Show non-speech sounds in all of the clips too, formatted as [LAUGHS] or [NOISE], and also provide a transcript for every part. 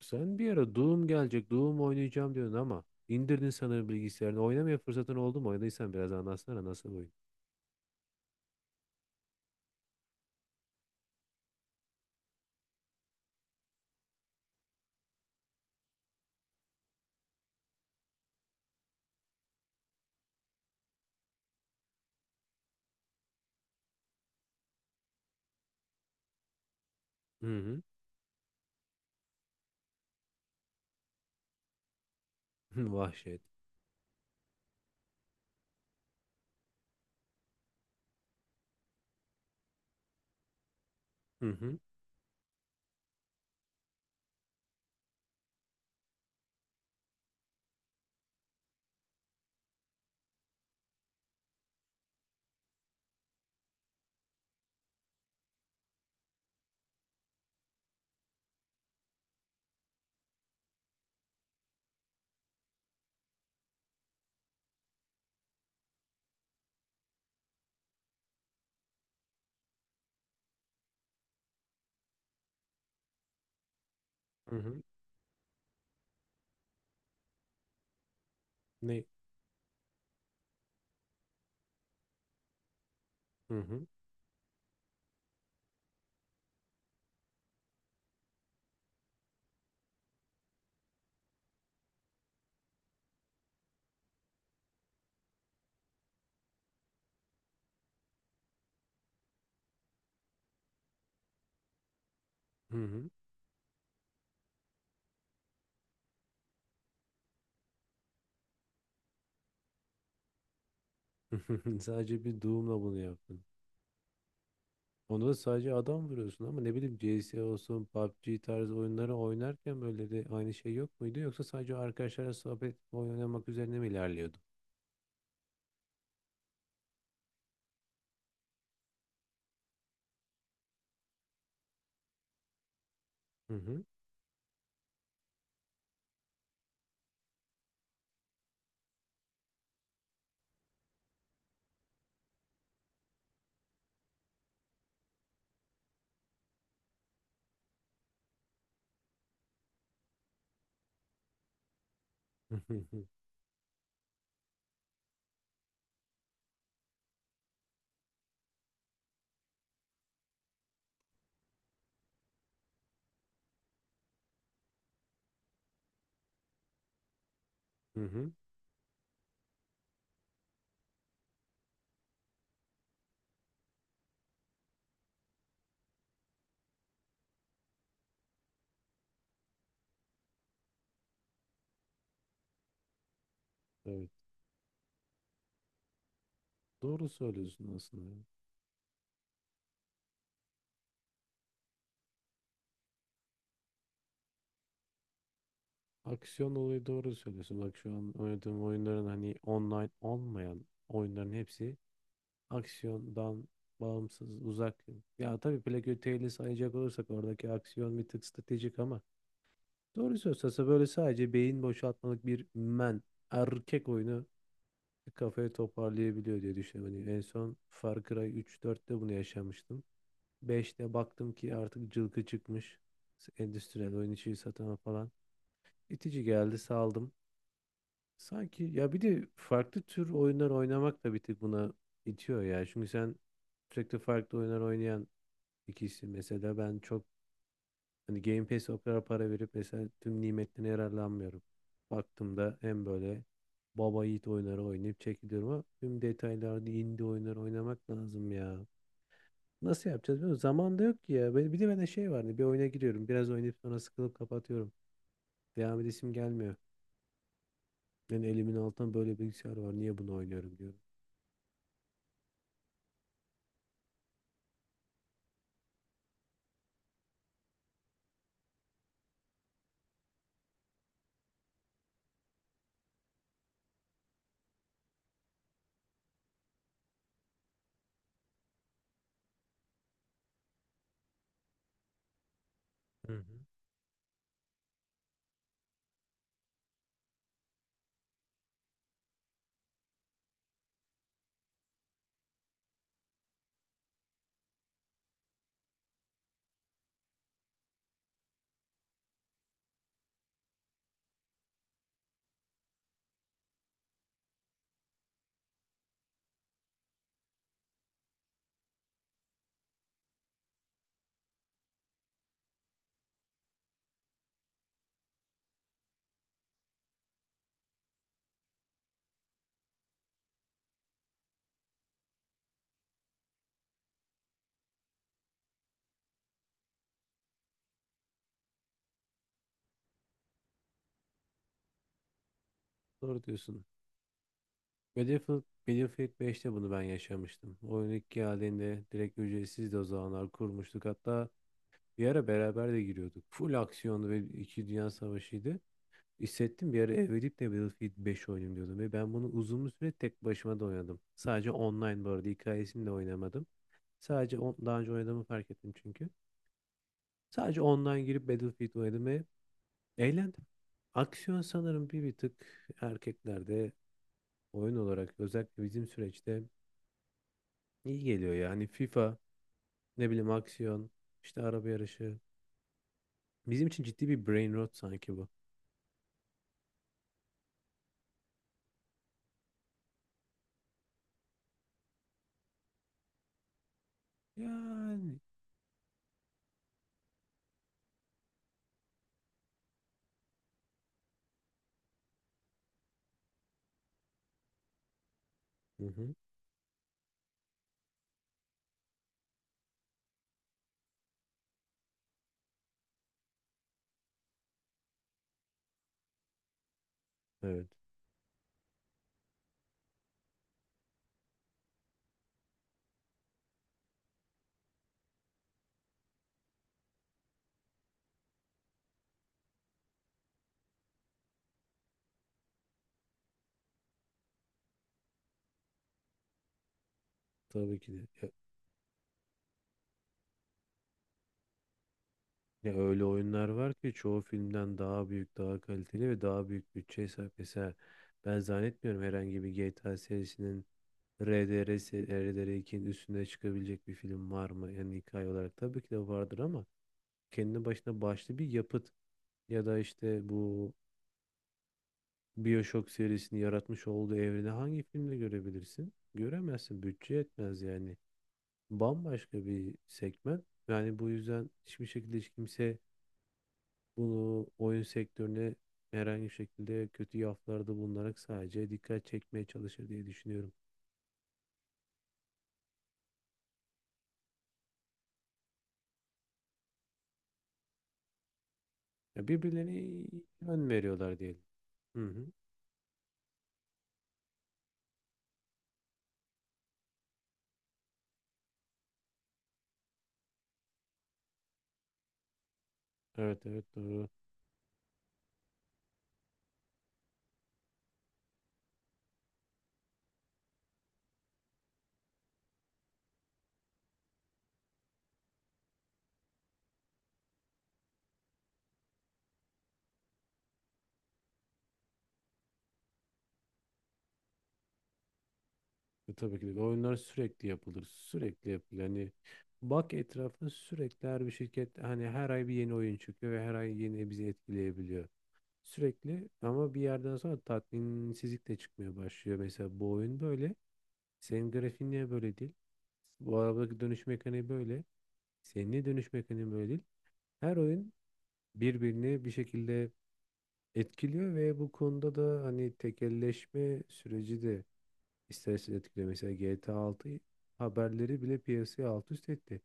Sen bir ara Doom gelecek, Doom oynayacağım diyordun ama indirdin sanırım bilgisayarını. Oynamaya fırsatın oldu mu? Oynadıysan biraz anlatsana nasıl oyun. Hı hı. [LAUGHS] Vahşet. Hı hı. Hı hı. Ne? Hı hı. Hı hı. [LAUGHS] Sadece bir Doom'la bunu yaptın. Onu da sadece adam vuruyorsun ama ne bileyim CS olsun, PUBG tarzı oyunları oynarken böyle de aynı şey yok muydu? Yoksa sadece arkadaşlarla sohbet oyun oynamak üzerine mi ilerliyordu? Hı hı. [LAUGHS] Hı hı. Hı hı. Evet. Doğru söylüyorsun aslında. Aksiyon olayı doğru söylüyorsun. Bak şu an oynadığım oyunların hani online olmayan oyunların hepsi aksiyondan bağımsız, uzak. Ya tabii Black Tail'i sayacak olursak oradaki aksiyon bir tık stratejik ama doğru söylüyorsa böyle sadece beyin boşaltmalık bir erkek oyunu kafayı toparlayabiliyor diye düşünüyorum. Hani en son Far Cry 3-4'te bunu yaşamıştım. 5'te baktım ki artık cılkı çıkmış. Endüstriyel oyun içi satana falan. İtici geldi saldım. Sanki ya bir de farklı tür oyunlar oynamak da bir tık buna itiyor ya. Çünkü sen sürekli farklı oyunlar oynayan ikisi mesela ben çok hani Game Pass'e o kadar para verip mesela tüm nimetlerine yararlanmıyorum. Baktığımda hem böyle baba yiğit oyunları oynayıp çekiliyorum ama tüm detaylarda indie oyunları oynamak lazım ya. Nasıl yapacağız bilmiyorum. Zaman da yok ki ya. Bir de bende şey var, hani bir oyuna giriyorum. Biraz oynayıp sonra sıkılıp kapatıyorum. Devam edesim gelmiyor. Yani elimin altında böyle bilgisayar var. Niye bunu oynuyorum diyorum. Hı hı. Doğru diyorsun. Battlefield, Battlefield beşte bunu ben yaşamıştım. Oyun ilk geldiğinde direkt ücretsizdi, o zamanlar kurmuştuk. Hatta bir ara beraber de giriyorduk. Full aksiyonlu ve 2 Dünya Savaşı'ydı. Hissettim bir ara ev edip de Battlefield 5 oynayayım diyordum. Ve ben bunu uzun bir süre tek başıma da oynadım. Sadece online, bu arada hikayesini de oynamadım. Sadece daha önce oynadığımı fark ettim çünkü. Sadece online girip Battlefield oynadım ve eğlendim. Aksiyon sanırım bir tık erkeklerde oyun olarak özellikle bizim süreçte. İyi geliyor ya. Hani FIFA, ne bileyim aksiyon, işte araba yarışı. Bizim için ciddi bir brain rot sanki bu. Yani. Hı hı. Evet. Tabii ki de. Ya öyle oyunlar var ki çoğu filmden daha büyük, daha kaliteli ve daha büyük bütçeye sahip. Mesela ben zannetmiyorum, herhangi bir GTA serisinin, RDR, RDR2'nin üstüne çıkabilecek bir film var mı? Yani hikaye olarak tabii ki de vardır ama kendi başına başlı bir yapıt ya da işte bu BioShock serisini yaratmış olduğu evreni hangi filmde görebilirsin? Göremezsin. Bütçe yetmez yani. Bambaşka bir segment. Yani bu yüzden hiçbir şekilde hiç kimse bunu oyun sektörüne herhangi bir şekilde kötü yaflarda bulunarak sadece dikkat çekmeye çalışır diye düşünüyorum. Ya birbirlerine yön veriyorlar diyelim. Hı hı. Evet, evet, doğru. Tabii ki de. Oyunlar sürekli yapılır. Sürekli yapılır. Yani bak etrafına, sürekli her bir şirket, hani her ay bir yeni oyun çıkıyor ve her ay yeni bizi etkileyebiliyor. Sürekli ama bir yerden sonra tatminsizlik de çıkmaya başlıyor. Mesela bu oyun böyle. Senin grafiğin niye böyle değil? Bu arabadaki dönüş mekaniği böyle. Senin niye dönüş mekaniği böyle değil? Her oyun birbirini bir şekilde etkiliyor ve bu konuda da hani tekelleşme süreci de İstersen etkile, mesela GTA 6 haberleri bile piyasaya alt üst etti.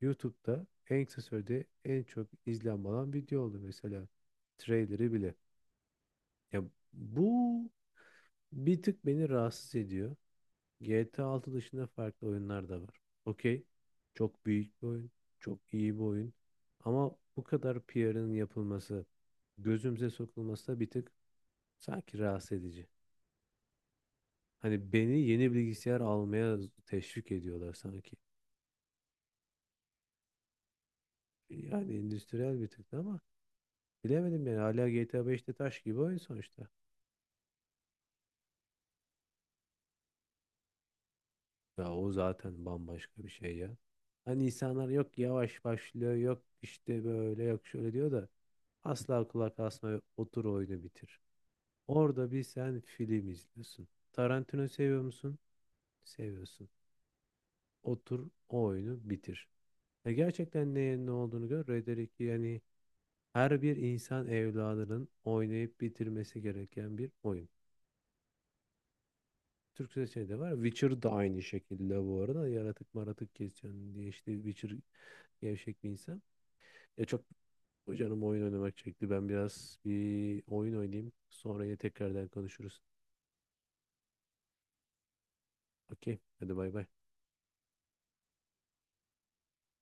YouTube'da en kısa sürede en çok izlenme alan video oldu mesela. Trailer'ı bile. Ya bu bir tık beni rahatsız ediyor. GTA 6 dışında farklı oyunlar da var. Okey. Çok büyük bir oyun. Çok iyi bir oyun. Ama bu kadar PR'ın yapılması, gözümüze sokulması da bir tık sanki rahatsız edici. Hani beni yeni bilgisayar almaya teşvik ediyorlar sanki. Yani endüstriyel bir tık da ama bilemedim yani, hala GTA 5'te taş gibi oyun sonuçta. Ya o zaten bambaşka bir şey ya. Hani insanlar yok yavaş başlıyor, yok işte böyle, yok şöyle diyor da, asla kulak asma otur oyunu bitir. Orada bir sen film izliyorsun. Tarantino seviyor musun? Seviyorsun. Otur o oyunu bitir. Ya gerçekten neyin ne olduğunu gör. Red Dead 2 yani her bir insan evladının oynayıp bitirmesi gereken bir oyun. Türkçe şey de var. Witcher da aynı şekilde bu arada. Yaratık maratık kesiyorsun diye işte Witcher gevşek bir insan. Ya çok canım oyun oynamak çekti. Ben biraz bir oyun oynayayım. Sonra yine tekrardan konuşuruz. Okey. Hadi bay bay.